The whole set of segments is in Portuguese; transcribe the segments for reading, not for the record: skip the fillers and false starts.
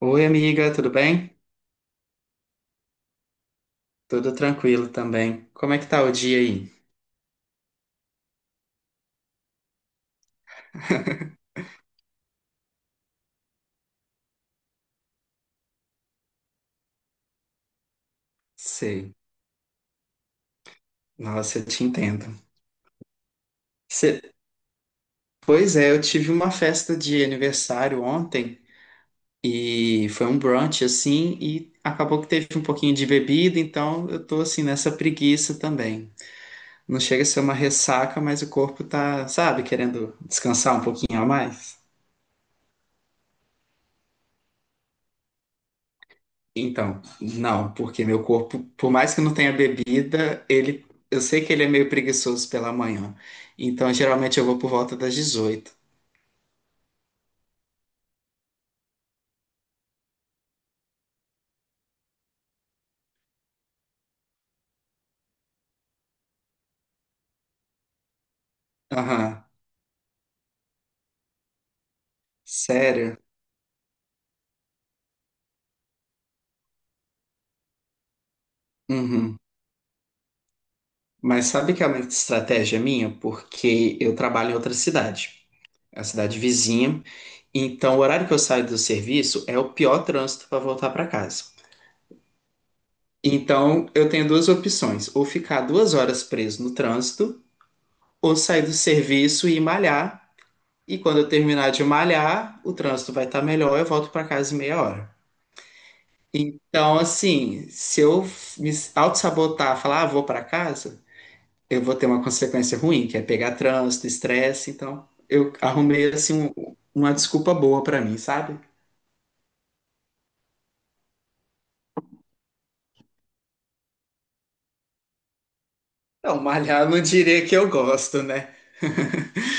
Oi, amiga, tudo bem? Tudo tranquilo também. Como é que tá o dia aí? Sei. Nossa, eu te entendo. Cê- Pois é, eu tive uma festa de aniversário ontem e foi um brunch assim e acabou que teve um pouquinho de bebida, então eu tô assim nessa preguiça também. Não chega a ser uma ressaca, mas o corpo tá, sabe, querendo descansar um pouquinho a mais. Então, não, porque meu corpo, por mais que não tenha bebida, ele, eu sei que ele é meio preguiçoso pela manhã. Então, geralmente eu vou por volta das 18h. Aham, sério? Uhum. Mas sabe que é uma estratégia minha? Porque eu trabalho em outra cidade, é a cidade vizinha. Então, o horário que eu saio do serviço é o pior trânsito para voltar para casa. Então, eu tenho duas opções: ou ficar 2 horas preso no trânsito, ou sair do serviço e malhar. E quando eu terminar de malhar, o trânsito vai estar melhor, eu volto para casa em meia hora. Então, assim, se eu me auto-sabotar, falar, ah, vou para casa, eu vou ter uma consequência ruim, que é pegar trânsito, estresse. Então, eu arrumei, assim, uma desculpa boa para mim, sabe? Não, malhar eu não diria que eu gosto, né?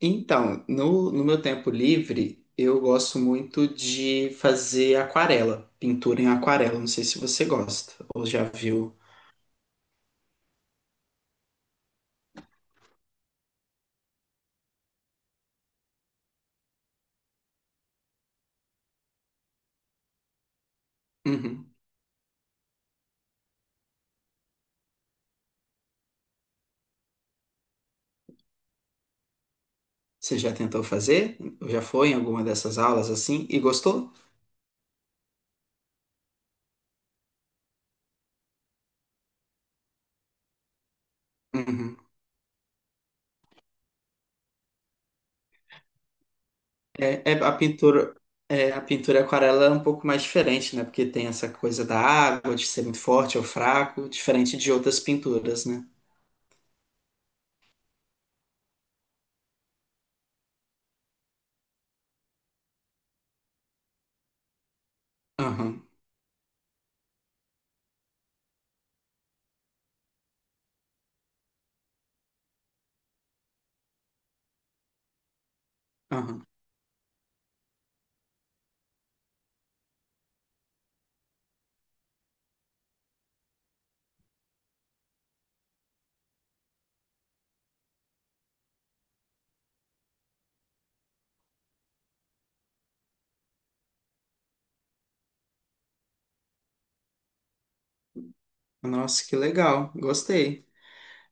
Então, no meu tempo livre, eu gosto muito de fazer aquarela, pintura em aquarela. Não sei se você gosta ou já viu. Uhum. Você já tentou fazer? Já foi em alguma dessas aulas assim e gostou? Uhum. É, é, a pintura aquarela é um pouco mais diferente, né? Porque tem essa coisa da água, de ser muito forte ou fraco, diferente de outras pinturas, né? Aham, aham. Nossa, que legal, gostei.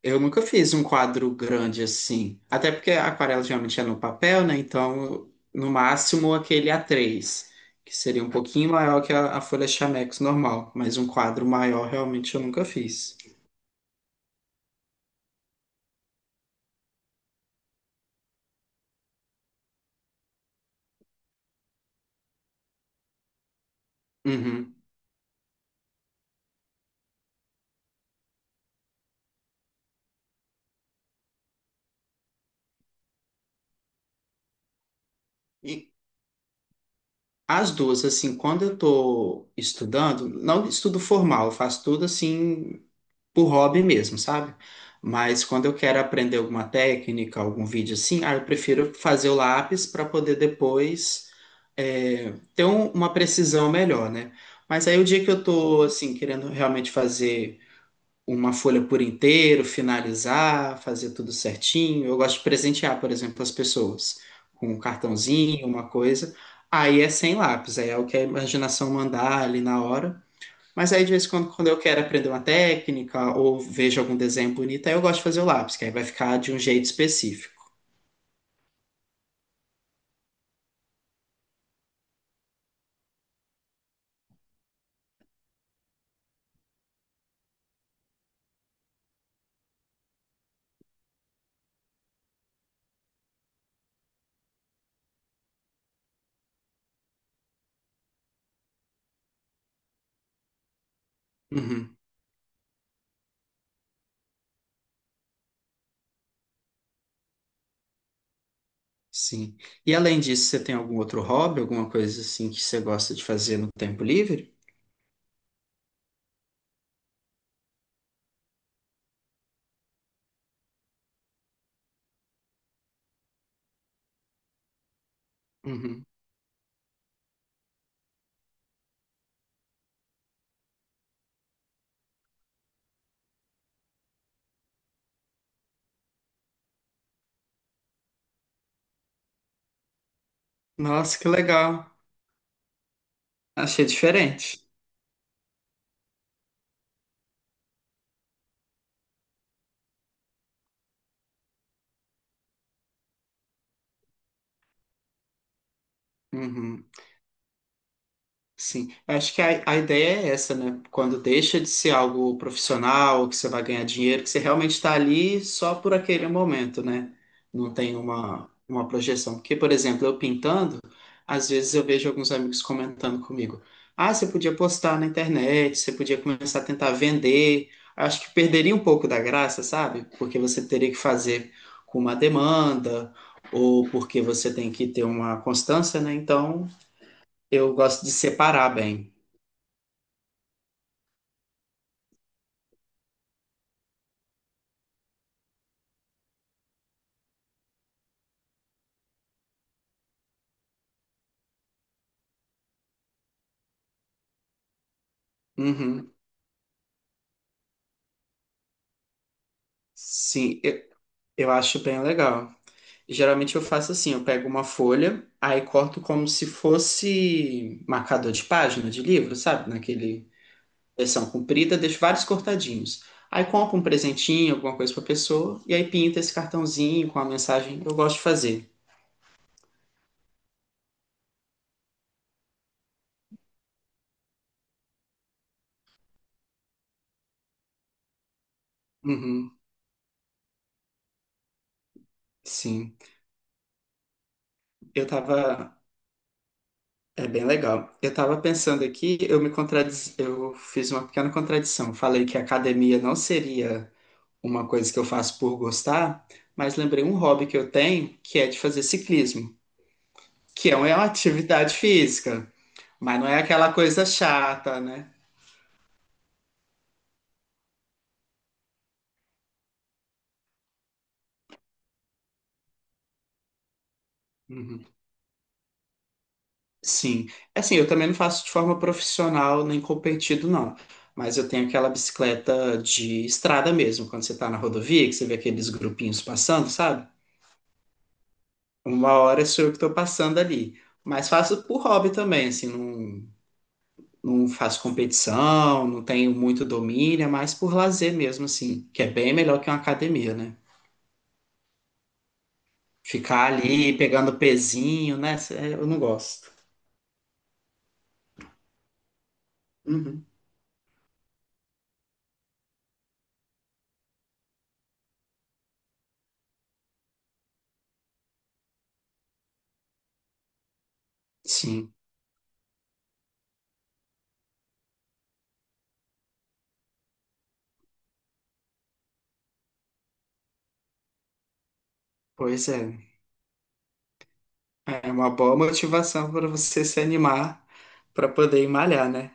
Eu nunca fiz um quadro grande assim. Até porque a aquarela geralmente é no papel, né? Então, no máximo, aquele A3, que seria um pouquinho maior que a folha Chamex normal. Mas um quadro maior, realmente, eu nunca fiz. Uhum. E as duas, assim, quando eu tô estudando, não estudo formal, eu faço tudo assim por hobby mesmo, sabe? Mas quando eu quero aprender alguma técnica, algum vídeo assim, ah, eu prefiro fazer o lápis para poder depois é, ter uma precisão melhor, né? Mas aí o dia que eu tô assim querendo realmente fazer uma folha por inteiro, finalizar, fazer tudo certinho, eu gosto de presentear, por exemplo, as pessoas com um cartãozinho, uma coisa. Aí é sem lápis, aí é o que a imaginação mandar ali na hora. Mas aí, de vez em quando, quando eu quero aprender uma técnica ou vejo algum desenho bonito, aí eu gosto de fazer o lápis, que aí vai ficar de um jeito específico. Uhum, sim. E além disso, você tem algum outro hobby, alguma coisa assim que você gosta de fazer no tempo livre? Uhum. Nossa, que legal. Achei diferente. Uhum. Sim, eu acho que a ideia é essa, né? Quando deixa de ser algo profissional, que você vai ganhar dinheiro, que você realmente está ali só por aquele momento, né? Não tem uma projeção. Porque, por exemplo, eu pintando, às vezes eu vejo alguns amigos comentando comigo: ah, você podia postar na internet, você podia começar a tentar vender. Acho que perderia um pouco da graça, sabe? Porque você teria que fazer com uma demanda, ou porque você tem que ter uma constância, né? Então, eu gosto de separar bem. Uhum. Sim, eu acho bem legal. Geralmente eu faço assim, eu pego uma folha, aí corto como se fosse marcador de página de livro, sabe? Naquele versão comprida, deixo vários cortadinhos. Aí compro um presentinho, alguma coisa pra pessoa, e aí pinto esse cartãozinho com a mensagem que eu gosto de fazer. Uhum, sim. Eu tava. É bem legal. Eu tava pensando aqui, eu fiz uma pequena contradição. Falei que a academia não seria uma coisa que eu faço por gostar, mas lembrei um hobby que eu tenho, que é de fazer ciclismo, que é uma é uma atividade física, mas não é aquela coisa chata, né? Uhum. Sim. É. Assim, eu também não faço de forma profissional nem competido, não. Mas eu tenho aquela bicicleta de estrada mesmo, quando você tá na rodovia, que você vê aqueles grupinhos passando, sabe? Uma hora sou eu que tô passando ali. Mas faço por hobby também, assim, não, não faço competição, não tenho muito domínio, é mais por lazer mesmo, assim, que é bem melhor que uma academia, né? Ficar ali pegando pezinho, né? Eu não gosto. Uhum. Sim, pois é. É uma boa motivação para você se animar para poder ir malhar, né?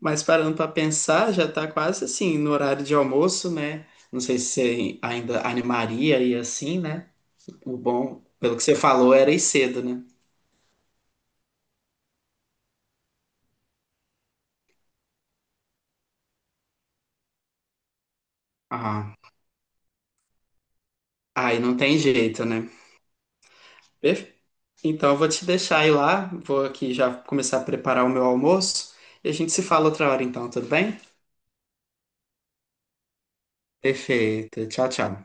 Mas parando para pensar, já tá quase assim no horário de almoço, né? Não sei se você ainda animaria e assim, né? O bom, pelo que você falou, era ir cedo, né? Ah, aí não tem jeito, né? Então, eu vou te deixar ir lá, vou aqui já começar a preparar o meu almoço e a gente se fala outra hora então, tudo bem? Perfeito. Tchau, tchau.